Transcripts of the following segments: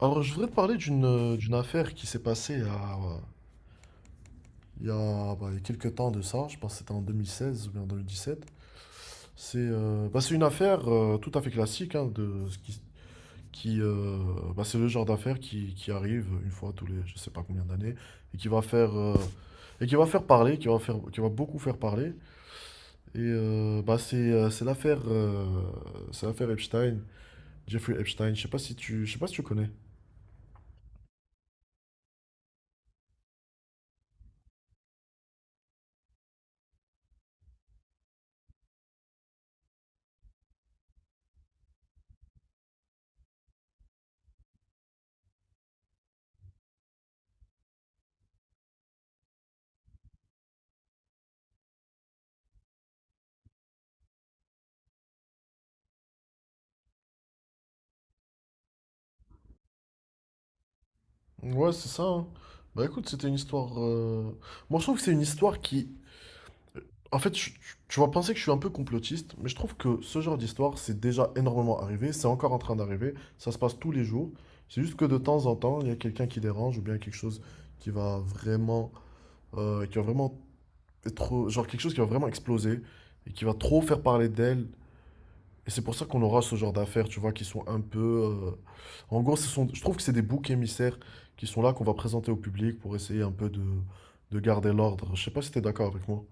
Alors, je voudrais te parler d'une affaire qui s'est passée bah, il y a quelques temps de ça, je pense que c'était en 2016 ou bien en 2017. C'est Bah, c'est une affaire tout à fait classique, hein, de, ce qui, qui, euh, bah, c'est le genre d'affaire qui arrive une fois tous les je sais pas combien d'années et qui va faire parler, qui va beaucoup faire parler. Bah, c'est l'affaire Epstein, Jeffrey Epstein, je sais pas si tu connais. Ouais, c'est ça, hein. Bah écoute, c'était une histoire, moi, je trouve que c'est une histoire qui. En fait, tu vas penser que je suis un peu complotiste, mais je trouve que ce genre d'histoire, c'est déjà énormément arrivé, c'est encore en train d'arriver, ça se passe tous les jours. C'est juste que de temps en temps, il y a quelqu'un qui dérange ou bien quelque chose qui va vraiment. Qui va vraiment être. Genre quelque chose qui va vraiment exploser et qui va trop faire parler d'elle et c'est pour ça qu'on aura ce genre d'affaires, tu vois, qui sont un peu. En gros, ce sont. Je trouve que c'est des boucs émissaires qui sont là, qu'on va présenter au public pour essayer un peu de garder l'ordre. Je sais pas si t'es d'accord avec moi.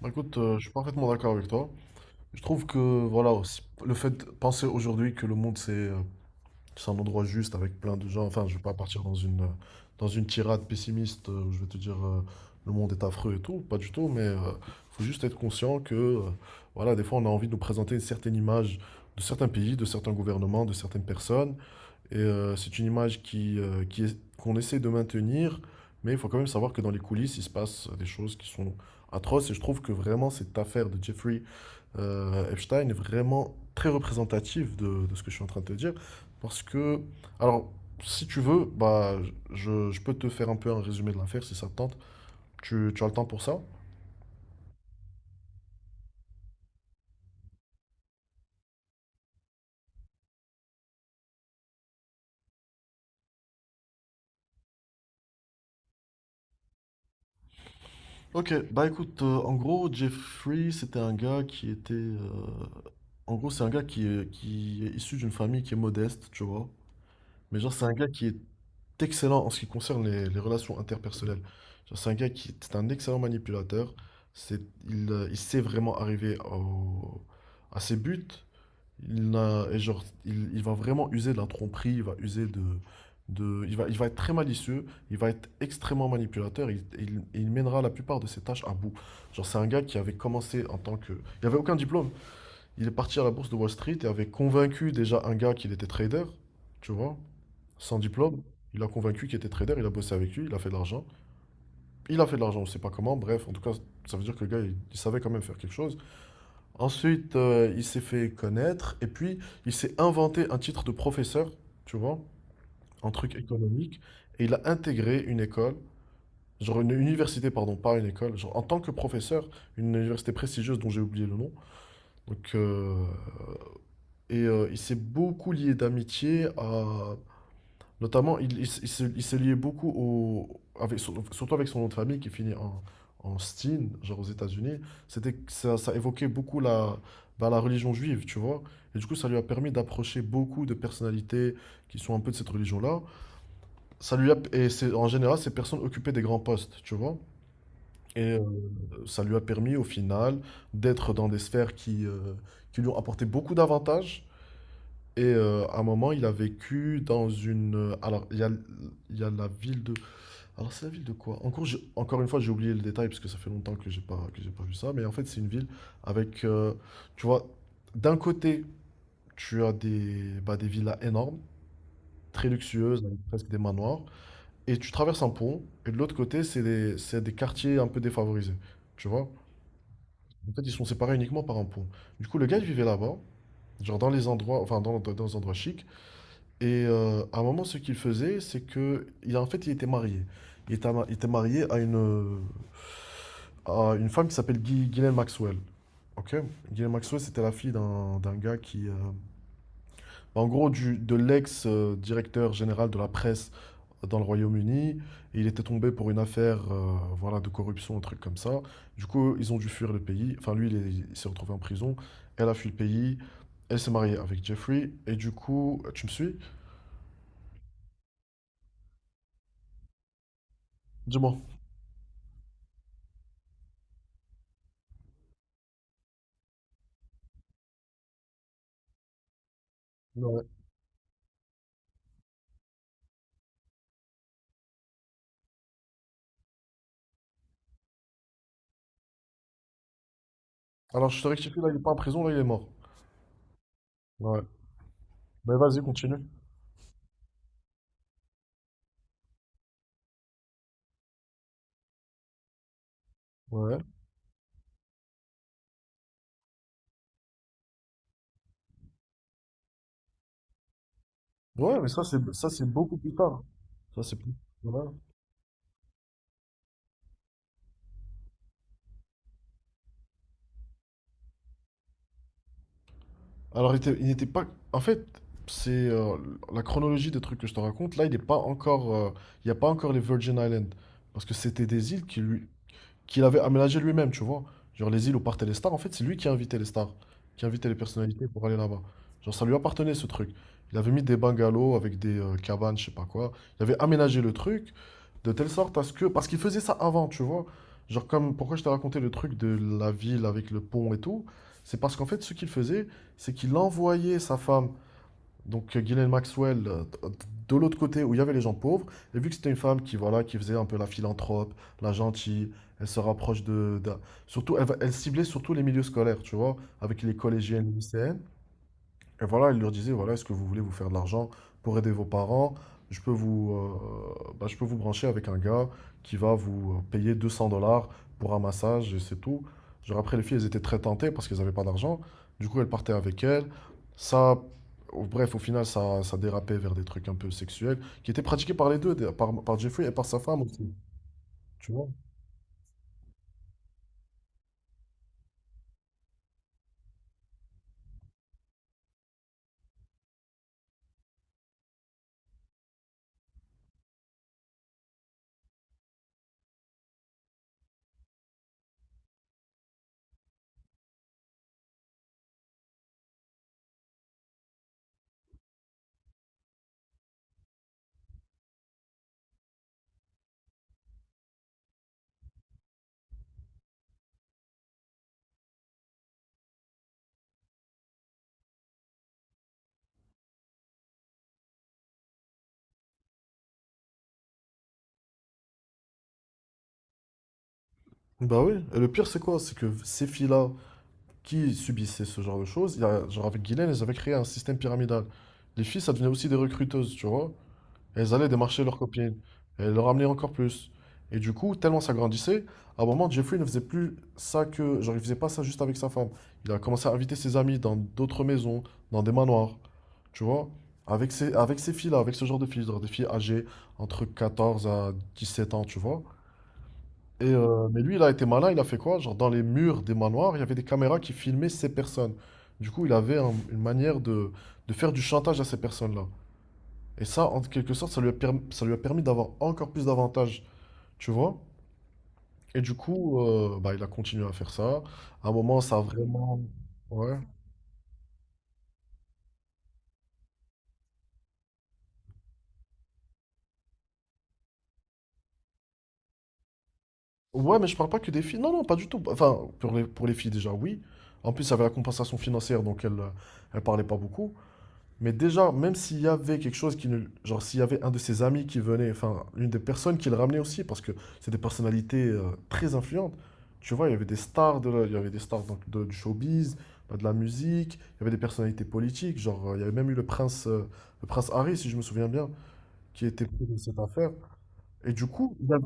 Bah, écoute, je suis parfaitement d'accord avec toi. Je trouve que, voilà, aussi, le fait de penser aujourd'hui que le monde s'est, c'est un endroit juste avec plein de gens. Enfin, je vais pas partir dans dans une tirade pessimiste, où je vais te dire, le monde est affreux et tout. Pas du tout, mais faut juste être conscient que, voilà, des fois, on a envie de nous présenter une certaine image de certains pays, de certains gouvernements, de certaines personnes. Et c'est une image qui, qu'on essaie de maintenir, mais il faut quand même savoir que dans les coulisses, il se passe des choses qui sont atroces. Et je trouve que vraiment cette affaire de Jeffrey Epstein est vraiment très représentative de ce que je suis en train de te dire. Parce que, alors, si tu veux, bah, je peux te faire un peu un résumé de l'affaire si ça te tente. Tu as le temps pour ça? Ok, bah écoute, en gros, Jeffrey, c'était un gars qui était. En gros, c'est un gars qui est issu d'une famille qui est modeste, tu vois. Mais genre, c'est un gars qui est excellent en ce qui concerne les relations interpersonnelles. Genre, c'est un gars qui est un excellent manipulateur. C'est, il sait vraiment arriver à ses buts. Il n'a, Et genre, il va vraiment user de la tromperie, il va user il va être très malicieux, il va être extrêmement manipulateur, il mènera la plupart de ses tâches à bout. Genre, c'est un gars qui avait commencé en tant que. Il avait aucun diplôme. Il est parti à la bourse de Wall Street et avait convaincu déjà un gars qu'il était trader, tu vois. Sans diplôme, il a convaincu qu'il était trader, il a bossé avec lui, il a fait de l'argent. Il a fait de l'argent, on ne sait pas comment, bref, en tout cas, ça veut dire que le gars, il savait quand même faire quelque chose. Ensuite, il s'est fait connaître, et puis il s'est inventé un titre de professeur, tu vois, un truc économique, et il a intégré une école, genre une université, pardon, pas une école, genre en tant que professeur, une université prestigieuse dont j'ai oublié le nom. Donc, il s'est beaucoup lié d'amitié à. Notamment, il se liait beaucoup surtout avec son nom de famille qui finit en Steen, genre aux États-Unis. Ça évoquait beaucoup bah, la religion juive, tu vois. Et du coup, ça lui a permis d'approcher beaucoup de personnalités qui sont un peu de cette religion-là. Ça lui a, et c'est, En général, ces personnes occupaient des grands postes, tu vois. Et ça lui a permis, au final, d'être dans des sphères qui lui ont apporté beaucoup d'avantages. Et à un moment, il a vécu dans une. Alors, il y a la ville de. Alors c'est la ville de quoi? Encore, encore une fois, j'ai oublié le détail parce que ça fait longtemps que j'ai pas vu ça. Mais en fait, c'est une ville avec, tu vois, d'un côté, tu as des villas énormes, très luxueuses, avec presque des manoirs, et tu traverses un pont. Et de l'autre côté, c'est des quartiers un peu défavorisés, tu vois. En fait, ils sont séparés uniquement par un pont. Du coup, le gars il vivait là-bas, genre dans les endroits, enfin dans les endroits chics. Et à un moment, ce qu'il faisait, c'est que, en fait, il était marié. Il était marié à à une femme qui s'appelle Ghislaine Maxwell. Ok? Ghislaine Maxwell, c'était la fille d'un gars qui, bah, en gros, de l'ex-directeur général de la presse dans le Royaume-Uni. Et il était tombé pour une affaire, voilà, de corruption, un truc comme ça. Du coup, ils ont dû fuir le pays. Enfin, lui, il s'est retrouvé en prison. Elle a fui le pays. Elle s'est mariée avec Jeffrey. Et du coup, tu me suis? Dis-moi. Alors, je te rectifie, là, il est pas en prison, là, il est mort. Ouais. Mais vas-y, continue. Ouais. Ouais, mais ça, c'est beaucoup plus tard. Ça, c'est plus. Voilà. Alors, il n'était pas. En fait, c'est la chronologie des trucs que je te raconte. Là, il n'est pas encore. Il n'y a pas encore les Virgin Islands. Parce que c'était des îles qui, lui, qu'il avait aménagé lui-même, tu vois. Genre les îles où partaient les stars, en fait, c'est lui qui invitait les stars, qui invitait les personnalités pour aller là-bas. Genre ça lui appartenait ce truc. Il avait mis des bungalows avec des cabanes, je sais pas quoi. Il avait aménagé le truc de telle sorte à ce que. Parce qu'il faisait ça avant, tu vois. Genre comme pourquoi je t'ai raconté le truc de la ville avec le pont et tout, c'est parce qu'en fait ce qu'il faisait, c'est qu'il envoyait sa femme donc Ghislaine Maxwell, de l'autre côté où il y avait les gens pauvres, et vu que c'était une femme qui, voilà, qui faisait un peu la philanthrope, la gentille, elle se rapproche surtout, elle ciblait surtout les milieux scolaires, tu vois, avec les collégiennes, les lycéennes. Et voilà, il leur disait, voilà, est-ce que vous voulez vous faire de l'argent pour aider vos parents? Je peux vous brancher avec un gars qui va vous payer 200 dollars pour un massage et c'est tout. Genre après, les filles, elles étaient très tentées parce qu'elles n'avaient pas d'argent. Du coup, elles partaient avec elles. Ça, Bref, au final, ça dérapait vers des trucs un peu sexuels qui étaient pratiqués par les deux, par Jeffrey et par sa femme aussi. Tu vois? Bah oui. Et le pire, c'est quoi? C'est que ces filles-là, qui subissaient ce genre de choses. Genre avec Guylaine, elles avaient créé un système pyramidal. Les filles, ça devenait aussi des recruteuses, tu vois. Elles allaient démarcher leurs copines. Et elles leur amenaient encore plus. Et du coup, tellement ça grandissait, à un moment, Jeffrey ne faisait plus ça que. Genre, il faisait pas ça juste avec sa femme. Il a commencé à inviter ses amis dans d'autres maisons, dans des manoirs, tu vois. Avec ces filles-là, avec ce genre de filles, genre des filles âgées entre 14 à 17 ans, tu vois. Et, mais lui, il a été malin, il a fait quoi? Genre, dans les murs des manoirs, il y avait des caméras qui filmaient ces personnes. Du coup, il avait une manière de faire du chantage à ces personnes-là. Et ça, en quelque sorte, ça lui a permis d'avoir encore plus d'avantages, tu vois? Et du coup, bah, il a continué à faire ça. À un moment, ça a vraiment. Ouais. Ouais, mais je parle pas que des filles. Non, non, pas du tout. Enfin, pour les filles, déjà, oui. En plus, il y avait la compensation financière, donc elle parlait pas beaucoup. Mais déjà, même s'il y avait quelque chose qui ne. Genre, s'il y avait un de ses amis qui venait, enfin, une des personnes qui le ramenait aussi, parce que c'est des personnalités très influentes. Tu vois, il y avait des stars donc, du showbiz, bah, de la musique, il y avait des personnalités politiques. Genre, il y avait même eu le prince Harry, si je me souviens bien, qui était pris dans cette affaire. Et du coup,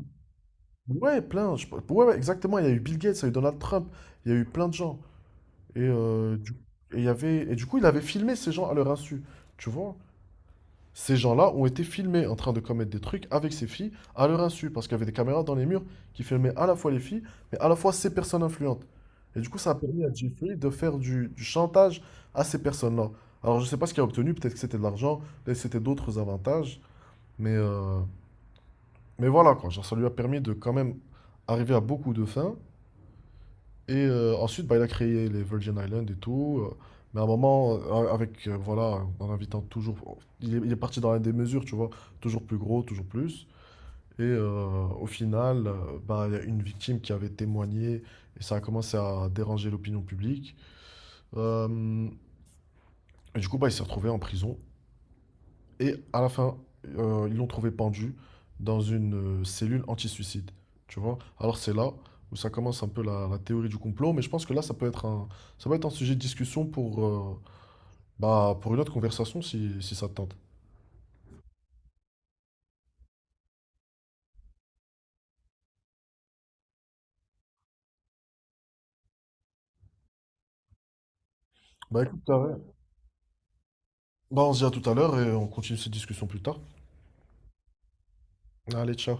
Ouais, plein. Ouais, ouais, exactement. Il y a eu Bill Gates, il y a eu Donald Trump, il y a eu plein de gens. Et, euh, du... du coup, il avait filmé ces gens à leur insu. Tu vois? Ces gens-là ont été filmés en train de commettre des trucs avec ces filles à leur insu, parce qu'il y avait des caméras dans les murs qui filmaient à la fois les filles, mais à la fois ces personnes influentes. Et du coup, ça a permis à Jeffrey de faire du chantage à ces personnes-là. Alors, je sais pas ce qu'il a obtenu, peut-être que c'était de l'argent, peut-être que c'était d'autres avantages, mais, euh, mais voilà, quoi. Genre, ça lui a permis de quand même arriver à beaucoup de fins, et ensuite, bah, il a créé les Virgin Islands et tout. Mais à un moment, voilà, en invitant toujours. Il est parti dans la démesure, tu vois. Toujours plus gros, toujours plus. Et au final, bah, il y a une victime qui avait témoigné et ça a commencé à déranger l'opinion publique. Euh, et du coup, bah, il s'est retrouvé en prison. Et à la fin, ils l'ont trouvé pendu dans une cellule anti-suicide. Tu vois? Alors c'est là où ça commence un peu la théorie du complot, mais je pense que là, ça peut être un sujet de discussion pour, bah, pour une autre conversation si, si ça te tente. Bah écoute, t'as raison. Bah, on se dit à tout à l'heure et on continue cette discussion plus tard. Allez, ciao.